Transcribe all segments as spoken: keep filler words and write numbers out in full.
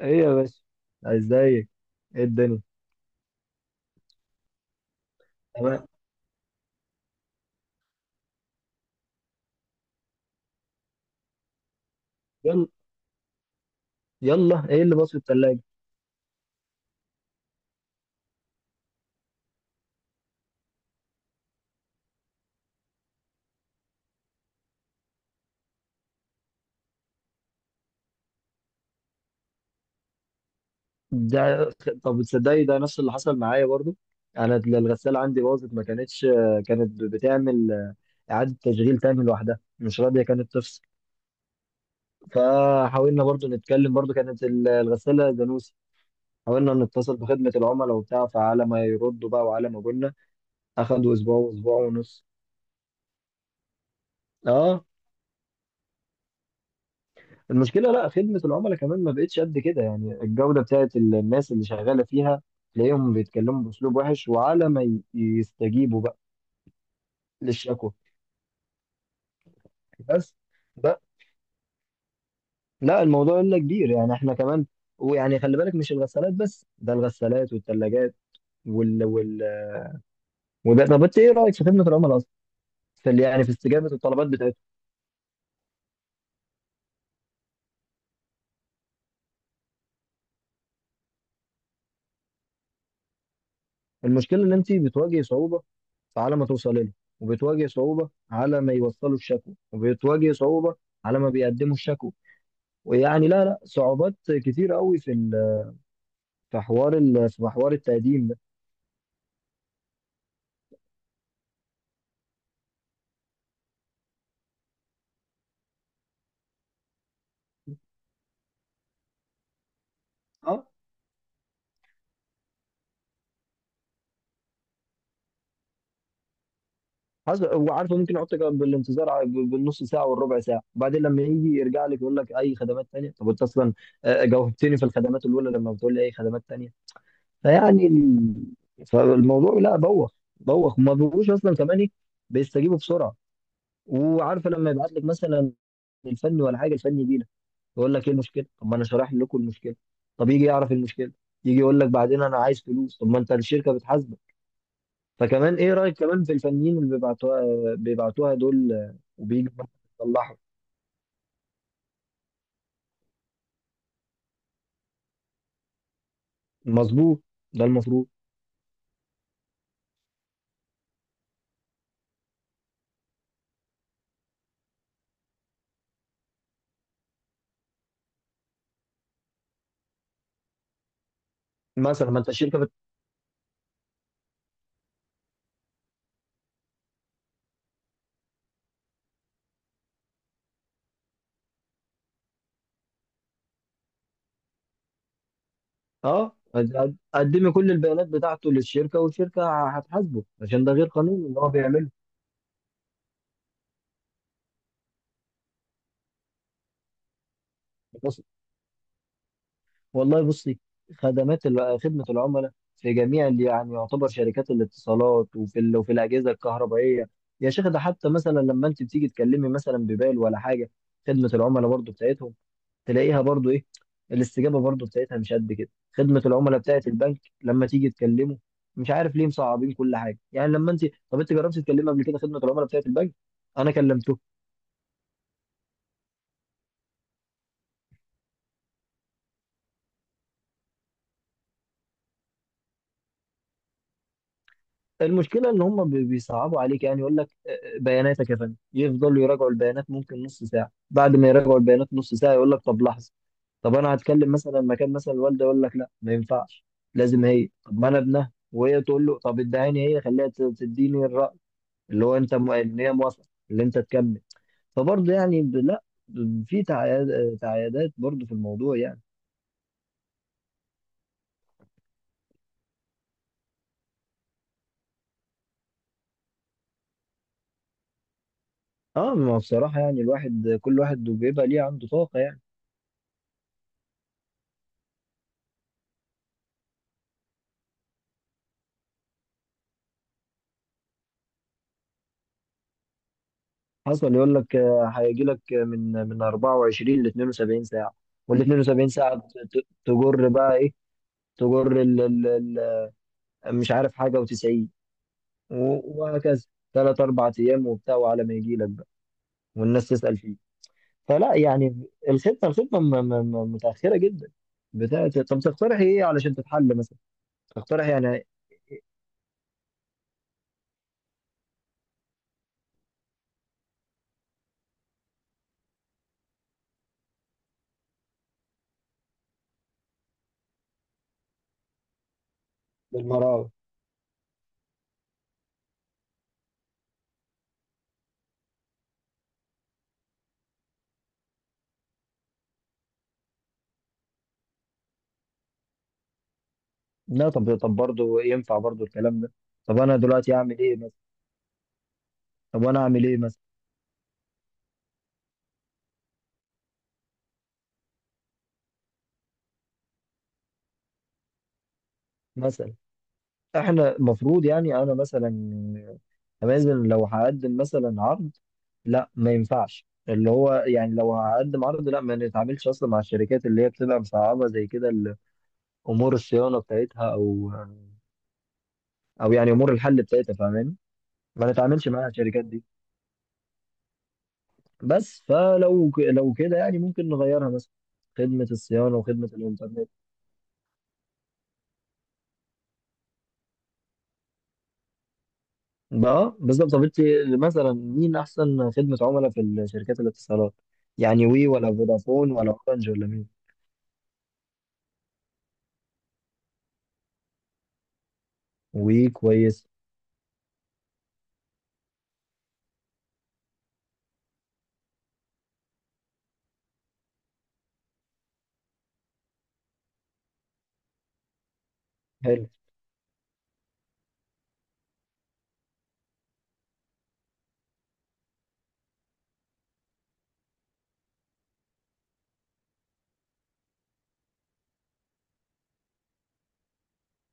ايه يا باشا، ازيك؟ ايه الدنيا؟ تمام. يلا يلا، ايه اللي باظ في التلاجة؟ ده طب تصدقي، ده نفس اللي حصل معايا برضو. انا الغسالة عندي باظت، ما كانتش كانت بتعمل اعادة تشغيل تاني لوحدها، مش راضية كانت تفصل. فحاولنا برضو نتكلم، برضو كانت ال- الغسالة دانوسي. حاولنا نتصل بخدمة العملاء وبتاع، فعلى ما يردوا بقى وعلى ما قلنا اخدوا اسبوع واسبوع ونص. اه. المشكله، لا خدمه العملاء كمان ما بقتش قد كده، يعني الجوده بتاعت ال- الناس اللي شغاله فيها، تلاقيهم بيتكلموا باسلوب وحش، وعلى ما ي- يستجيبوا بقى للشكوى. بس ده، لا الموضوع الا كبير، يعني احنا كمان. ويعني خلي بالك، مش الغسالات بس، ده الغسالات والثلاجات وال وال وده طب انت ايه رايك في خدمه العملاء اصلا، في ال- يعني في استجابه الطلبات بتاعتهم؟ المشكله ان انت بتواجهي صعوبه على ما توصل لنا، وبتواجه صعوبة على ما يوصلوا الشكوى، وبتواجه صعوبة على ما بيقدموا الشكوى. ويعني، لا لا صعوبات كتيرة قوي في ال- في حوار ال- في حوار التقديم ده. اه، حسب، وعارفه ممكن يحطك بالانتظار، على- بالنص ساعه والربع ساعه. وبعدين لما يجي يرجع لك يقول لك: اي خدمات تانية؟ طب انت اصلا آه، آه، جاوبتني في الخدمات الاولى، لما بتقول لي اي خدمات تانية؟ فيعني ال- فالموضوع، لا بوخ بوخ، وما بيبقوش اصلا كمان ايه بيستجيبوا بسرعه. وعارفه لما يبعت لك مثلا الفني ولا حاجه، الفني يجي يقول لك: ايه المشكله؟ طب ما انا شارح لكم المشكله. طب يجي يعرف المشكله، يجي يقول لك بعدين: انا عايز فلوس. طب ما انت الشركه بتحاسبك. فكمان، ايه رايك كمان في الفنيين اللي بيبعتوها بيبعتوها دول؟ آه، وبيجوا مثلا يصلحوا. مظبوط، ده المفروض. مثلا، ما انت الشركه بت... اه قد- قدمي كل البيانات بتاعته للشركه، والشركه هتحاسبه، عشان ده غير قانوني اللي هو بيعمله. والله بصي، خدمات ال- خدمة العملاء في جميع اللي يعني يعتبر شركات الاتصالات، وفي ال... وفي الأجهزة الكهربائية. يا شيخ، ده حتى مثلا لما أنت بتيجي تكلمي مثلا ببال ولا حاجة، خدمة العملاء برضو بتاعتهم تلاقيها برضو إيه، الاستجابة برضو بتاعتها مش قد كده. خدمة العملاء بتاعت البنك لما تيجي تكلمه، مش عارف ليه مصعبين كل حاجة يعني لما أنت... طب أنت جربت تكلمي قبل كده خدمة العملاء بتاعت البنك؟ أنا كلمته. المشكله ان هم بي- بيصعبوا عليك، يعني يقول لك آه، آه، بياناتك يا فندم، يفضلوا يراجعوا البيانات ممكن نص ساعه، بعد ما يراجعوا البيانات نص ساعه يقول لك: طب لحظه. طب انا هتكلم مثلا مكان مثلا الوالده، يقول لك: لا ما ينفعش، لازم هي. طب ما انا ابنها، وهي تقول له طب ادعيني، هي خليها ت- تديني الراي، اللي هو انت مو- ان هي موافقه اللي انت تكمل. فبرضه يعني ب- لا، في تعياد- تعيادات برضه في الموضوع يعني. اه، ما هو بصراحه يعني الواحد، كل واحد بيبقى ليه عنده طاقه يعني. حصل يقول لك آه، هيجي لك آه، من من أربعة وعشرين ل اثنين وسبعين ساعه. وال اثنين وسبعين ساعه ت- ت- تجر بقى ايه؟ تجر ال ال ال مش عارف حاجه، و90، وهكذا، ثلاث اربع ايام وبتاع، وعلى ما يجي لك بقى، والناس تسال فيه. فلا يعني الخطه الخطه م- م- م- متاخره جدا بتاعت. طب تقترح ايه علشان تتحل مثلا، تقترح يعني؟ بالمرأة، لا طب طب برضه ينفع برضه الكلام ده. طب انا دلوقتي اعمل ايه مثلا؟ طب وانا اعمل ايه مثلا؟ مثلا، احنا المفروض يعني، انا مثلا امازون لو هقدم مثلا عرض، لا ما ينفعش، اللي هو يعني لو هقدم عرض، لا ما نتعاملش اصلا مع الشركات اللي هي بتبقى مصعبه زي كده ال- امور الصيانه بتاعتها، او او يعني امور الحل بتاعتها، فاهماني؟ ما نتعاملش مع الشركات دي بس. فلو ك- لو كده يعني ممكن نغيرها مثلا، خدمه الصيانه وخدمه الانترنت. بقى بالظبط. طب انت مثلا، مين احسن خدمه عملاء في الشركات الاتصالات، يعني وي ولا فودافون ولا اورنج ولا مين؟ وكويس. حلو.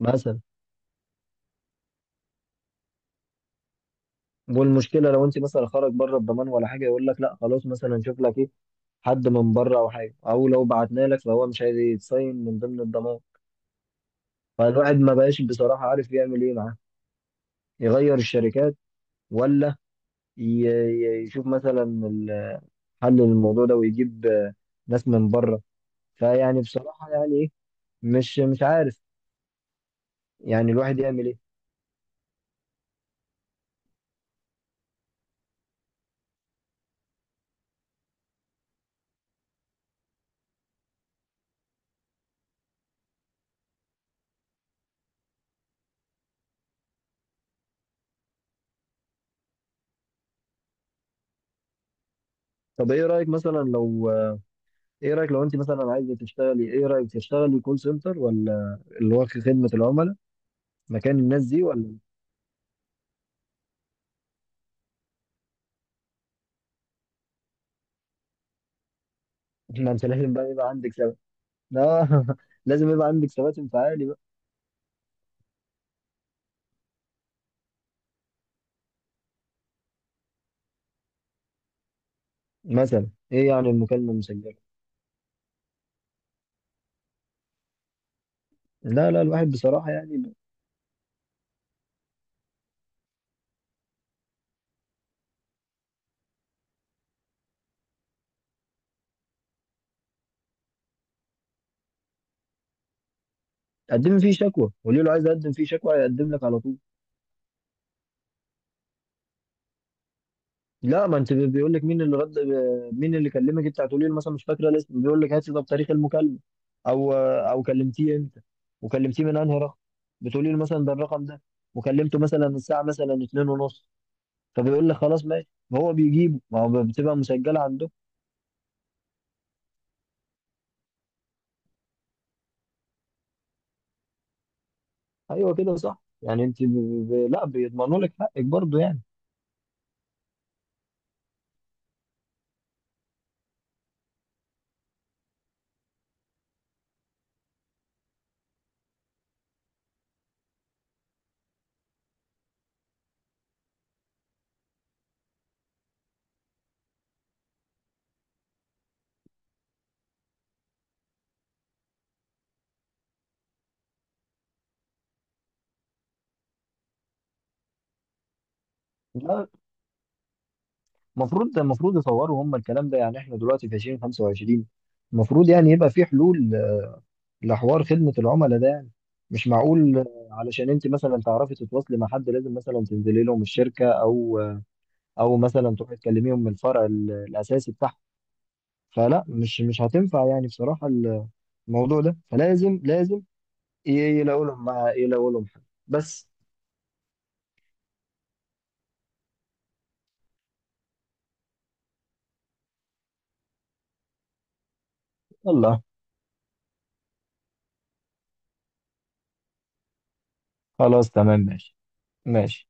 مثلا، والمشكله لو انت مثلا خرج بره الضمان ولا حاجه، يقول لك: لا خلاص مثلا نشوف لك ايه، حد من بره او حاجه، او لو بعتنا لك فهو مش عايز يتصين من ضمن الضمان. فالواحد ما بقاش بصراحه عارف يعمل ايه معاه. يغير الشركات، ولا ي- ي- يشوف مثلا ال- حل للموضوع ده، ويجيب آه، ناس من بره. فيعني بصراحه، يعني ايه؟ مش مش عارف يعني الواحد يعمل ايه. طب ايه رايك مثلا لو ايه رايك لو انت مثلا عايزه تشتغلي، ايه رايك تشتغلي كول سنتر، ولا اللي هو في خدمه العملاء مكان الناس دي، ولا؟ ما انت لازم بقى يبقى عندك ثبات. لا. لازم يبقى عندك ثبات انفعالي بقى. مثلا ايه يعني المكالمه المسجله؟ لا لا الواحد بصراحه يعني... قدم فيه شكوى، قولي له عايز اقدم فيه شكوى، هيقدم لك على طول. لا، ما انت بيقول لك مين اللي رد، مين اللي كلمك. انت هتقولي له مثلا: مش فاكره الاسم. بيقول لك: هاتي ده بتاريخ المكالمه، او او كلمتيه انت وكلمتيه من انهي رقم. بتقولي له مثلا: ده الرقم ده، وكلمته مثلا الساعه مثلا 2 ونص. فبيقول لك خلاص ماشي، هو بيجيبه، ما هو بتبقى مسجله عنده. ايوه كده صح. يعني انت ب... ب... لا بيضمنوا لك حقك برضه يعني. لا، المفروض المفروض يطوروا هم الكلام ده، يعني احنا دلوقتي في ألفين وخمسة وعشرين، المفروض يعني يبقى في حلول لحوار خدمة العملاء ده يعني، مش معقول. علشان انت مثلا تعرفي تتواصلي مع حد، لازم مثلا تنزلي لهم الشركة، او او مثلا تروحي تكلميهم من الفرع ال- الاساسي بتاعهم. فلا، مش مش هتنفع يعني بصراحة الموضوع ده. فلازم لازم ي- يلاقوا لهم مع- يلاقوا لهم حل بس. يلا، خلاص، تمام، ماشي ماشي.